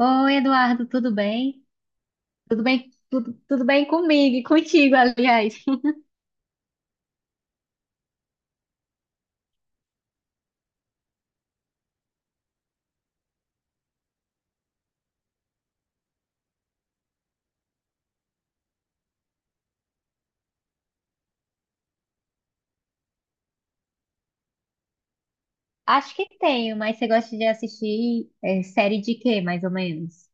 Oi, Eduardo, tudo bem? Tudo bem, tudo bem comigo e contigo, aliás. Acho que tenho, mas você gosta de assistir série de quê, mais ou menos?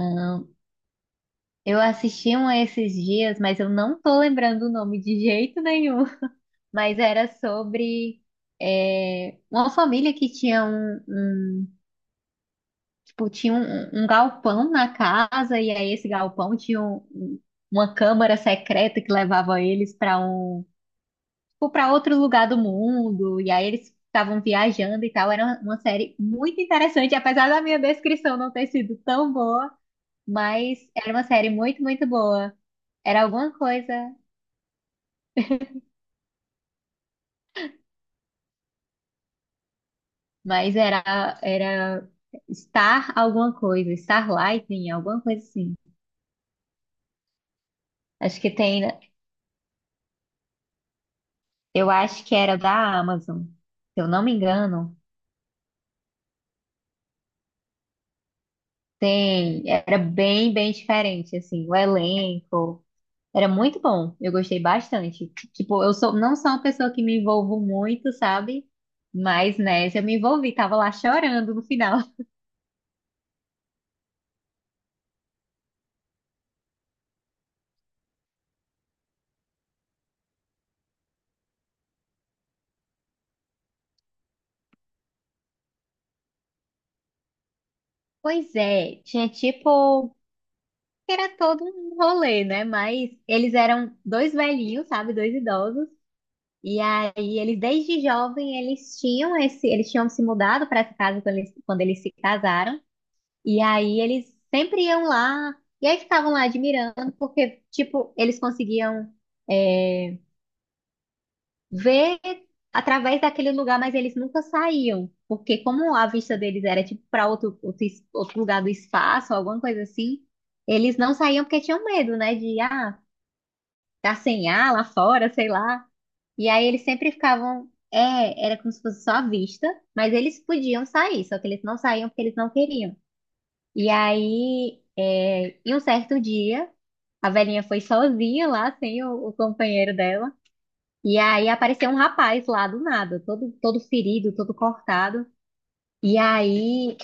Ahn, eu assisti um esses dias, mas eu não tô lembrando o nome de jeito nenhum. Mas era sobre uma família que tinha tipo, tinha um galpão na casa, e aí esse galpão tinha uma câmara secreta que levava eles para um tipo, para outro lugar do mundo, e aí eles estavam viajando e tal. Era uma série muito interessante, apesar da minha descrição não ter sido tão boa, mas era uma série muito boa. Era alguma coisa, mas era Star alguma coisa, Star Lightning, alguma coisa assim. Acho que tem, eu acho que era da Amazon, se eu não me engano. Tem, era bem diferente, assim, o elenco. Era muito bom, eu gostei bastante. Tipo, não sou uma pessoa que me envolvo muito, sabe? Mas nessa eu me envolvi, tava lá chorando no final. Pois é, tinha tipo, era todo um rolê, né? Mas eles eram dois velhinhos, sabe? Dois idosos. E aí eles desde jovem eles tinham se mudado para essa casa quando eles se casaram. E aí eles sempre iam lá e aí ficavam lá admirando porque tipo, eles conseguiam eh, ver através daquele lugar, mas eles nunca saíam, porque como a vista deles era tipo para outro lugar do espaço, alguma coisa assim, eles não saíam porque tinham medo, né, de tá sem ar lá fora, sei lá. E aí eles sempre ficavam, é, era como se fosse só a vista, mas eles podiam sair, só que eles não saíam porque eles não queriam. E aí, é, em um certo dia, a velhinha foi sozinha lá, sem o companheiro dela. E aí apareceu um rapaz lá do nada, todo ferido, todo cortado. E aí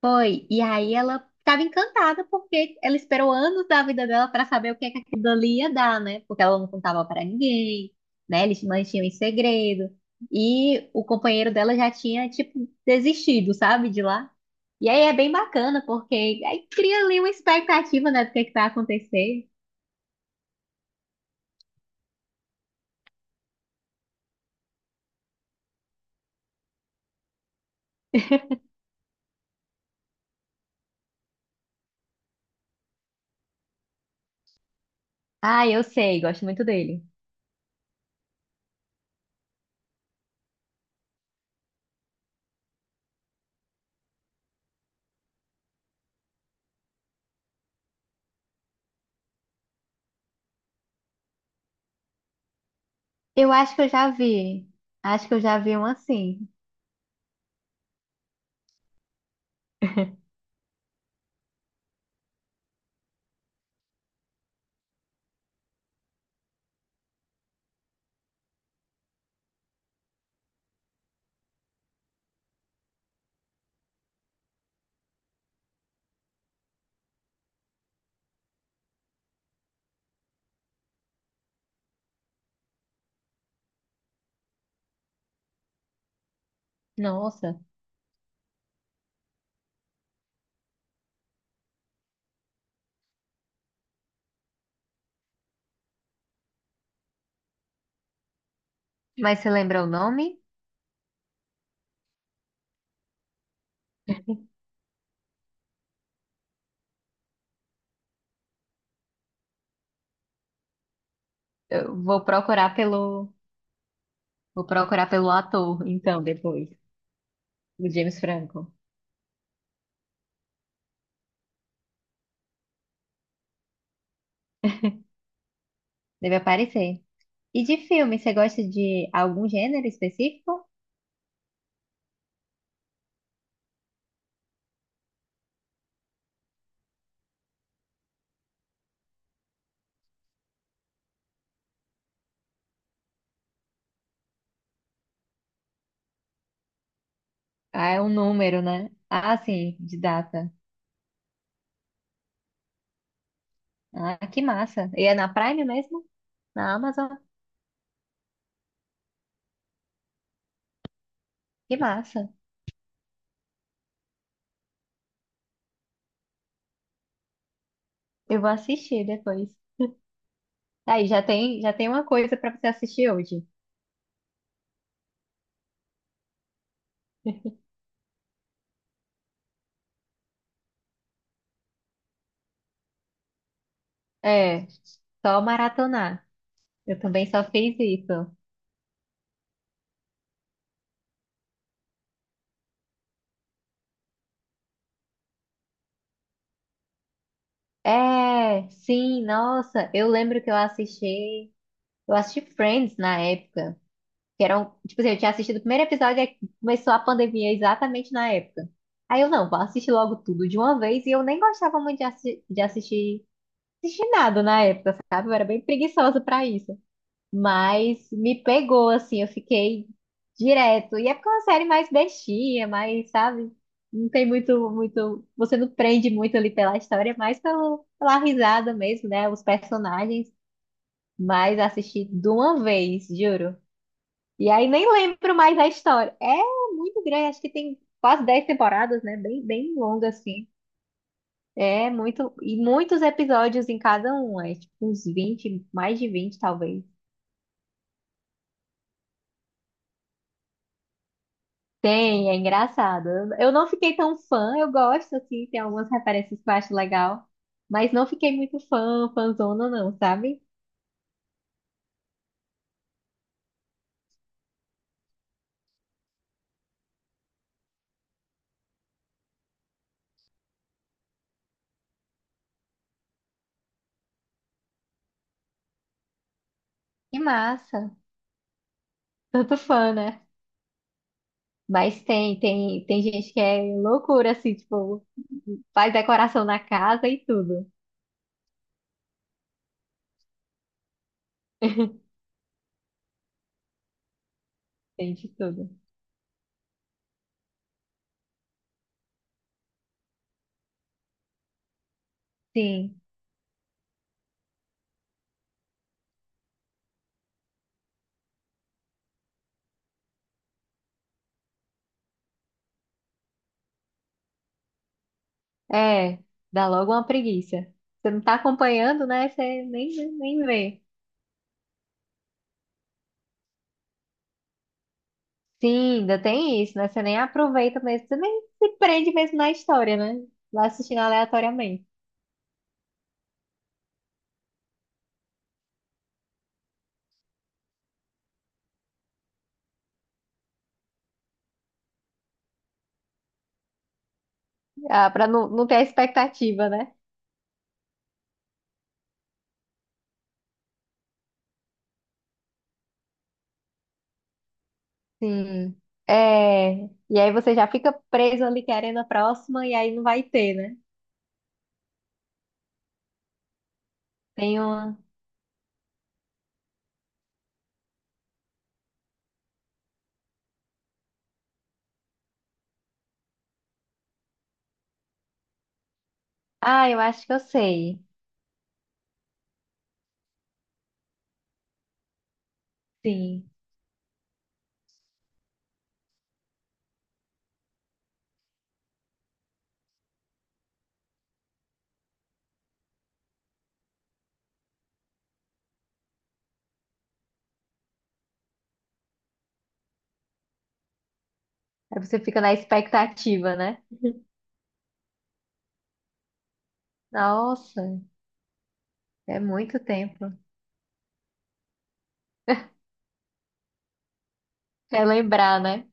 foi. E aí ela estava encantada porque ela esperou anos da vida dela para saber o que é que aquilo ali ia dar, né? Porque ela não contava para ninguém, né? Eles mantinham em segredo. E o companheiro dela já tinha, tipo, desistido, sabe, de lá. E aí é bem bacana, porque aí cria ali uma expectativa, né, do que é que vai acontecer. Ah, eu sei, gosto muito dele. Eu acho que eu já vi. Acho que eu já vi um assim. Nossa. Mas você lembra o nome? Eu vou procurar pelo, Vou procurar pelo ator, então, depois. O James Franco. Deve aparecer. E de filme, você gosta de algum gênero específico? Ah, é um número, né? Ah, sim, de data. Ah, que massa. E é na Prime mesmo? Na Amazon? Que massa. Eu vou assistir depois. Aí, já tem uma coisa pra você assistir hoje. É, só maratonar. Eu também só fiz isso. É, sim, nossa, eu lembro que eu assisti Friends na época, que era um, tipo assim, eu tinha assistido o primeiro episódio e começou a pandemia exatamente na época. Aí eu, não, vou assistir logo tudo de uma vez e eu nem gostava muito de assistir, assistir nada na época, sabe? Eu era bem preguiçosa pra isso. Mas me pegou, assim, eu fiquei direto. E é porque é uma série mais bestinha, mais, sabe? Não tem muito. Você não prende muito ali pela história, é mais pelo, pela risada mesmo, né? Os personagens. Mas assisti de uma vez, juro. E aí nem lembro mais da história. É muito grande, acho que tem quase 10 temporadas, né? Bem longa, assim. É muito. E muitos episódios em cada um, é tipo uns 20, mais de 20 talvez. Tem, é engraçado. Eu não fiquei tão fã, eu gosto, assim, tem algumas referências que eu acho legal, mas não fiquei muito fã, fãzona não, sabe? Que massa, tanto fã, né? Mas tem gente que é loucura, assim, tipo, faz decoração na casa e tudo. Tem de tudo. Sim, é, dá logo uma preguiça. Você não tá acompanhando, né? Você nem vê. Sim, ainda tem isso, né? Você nem aproveita mesmo, você nem se prende mesmo na história, né? Vai assistindo aleatoriamente. Ah, pra não, não ter a expectativa, né? Sim. É, e aí você já fica preso ali querendo a próxima e aí não vai ter, né? Tem uma. Ah, eu acho que eu sei. Sim. Aí você fica na expectativa, né? Nossa, é muito tempo. Relembrar, né?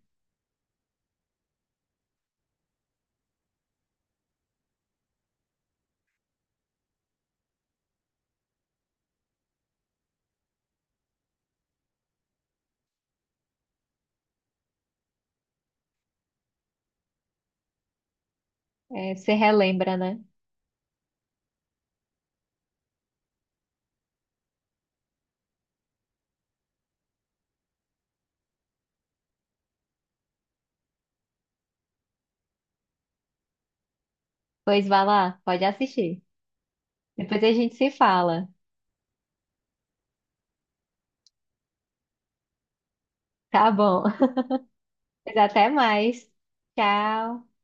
É, você relembra, né? Pois vai lá, pode assistir. Depois a gente se fala. Tá bom. Pois até mais. Tchau.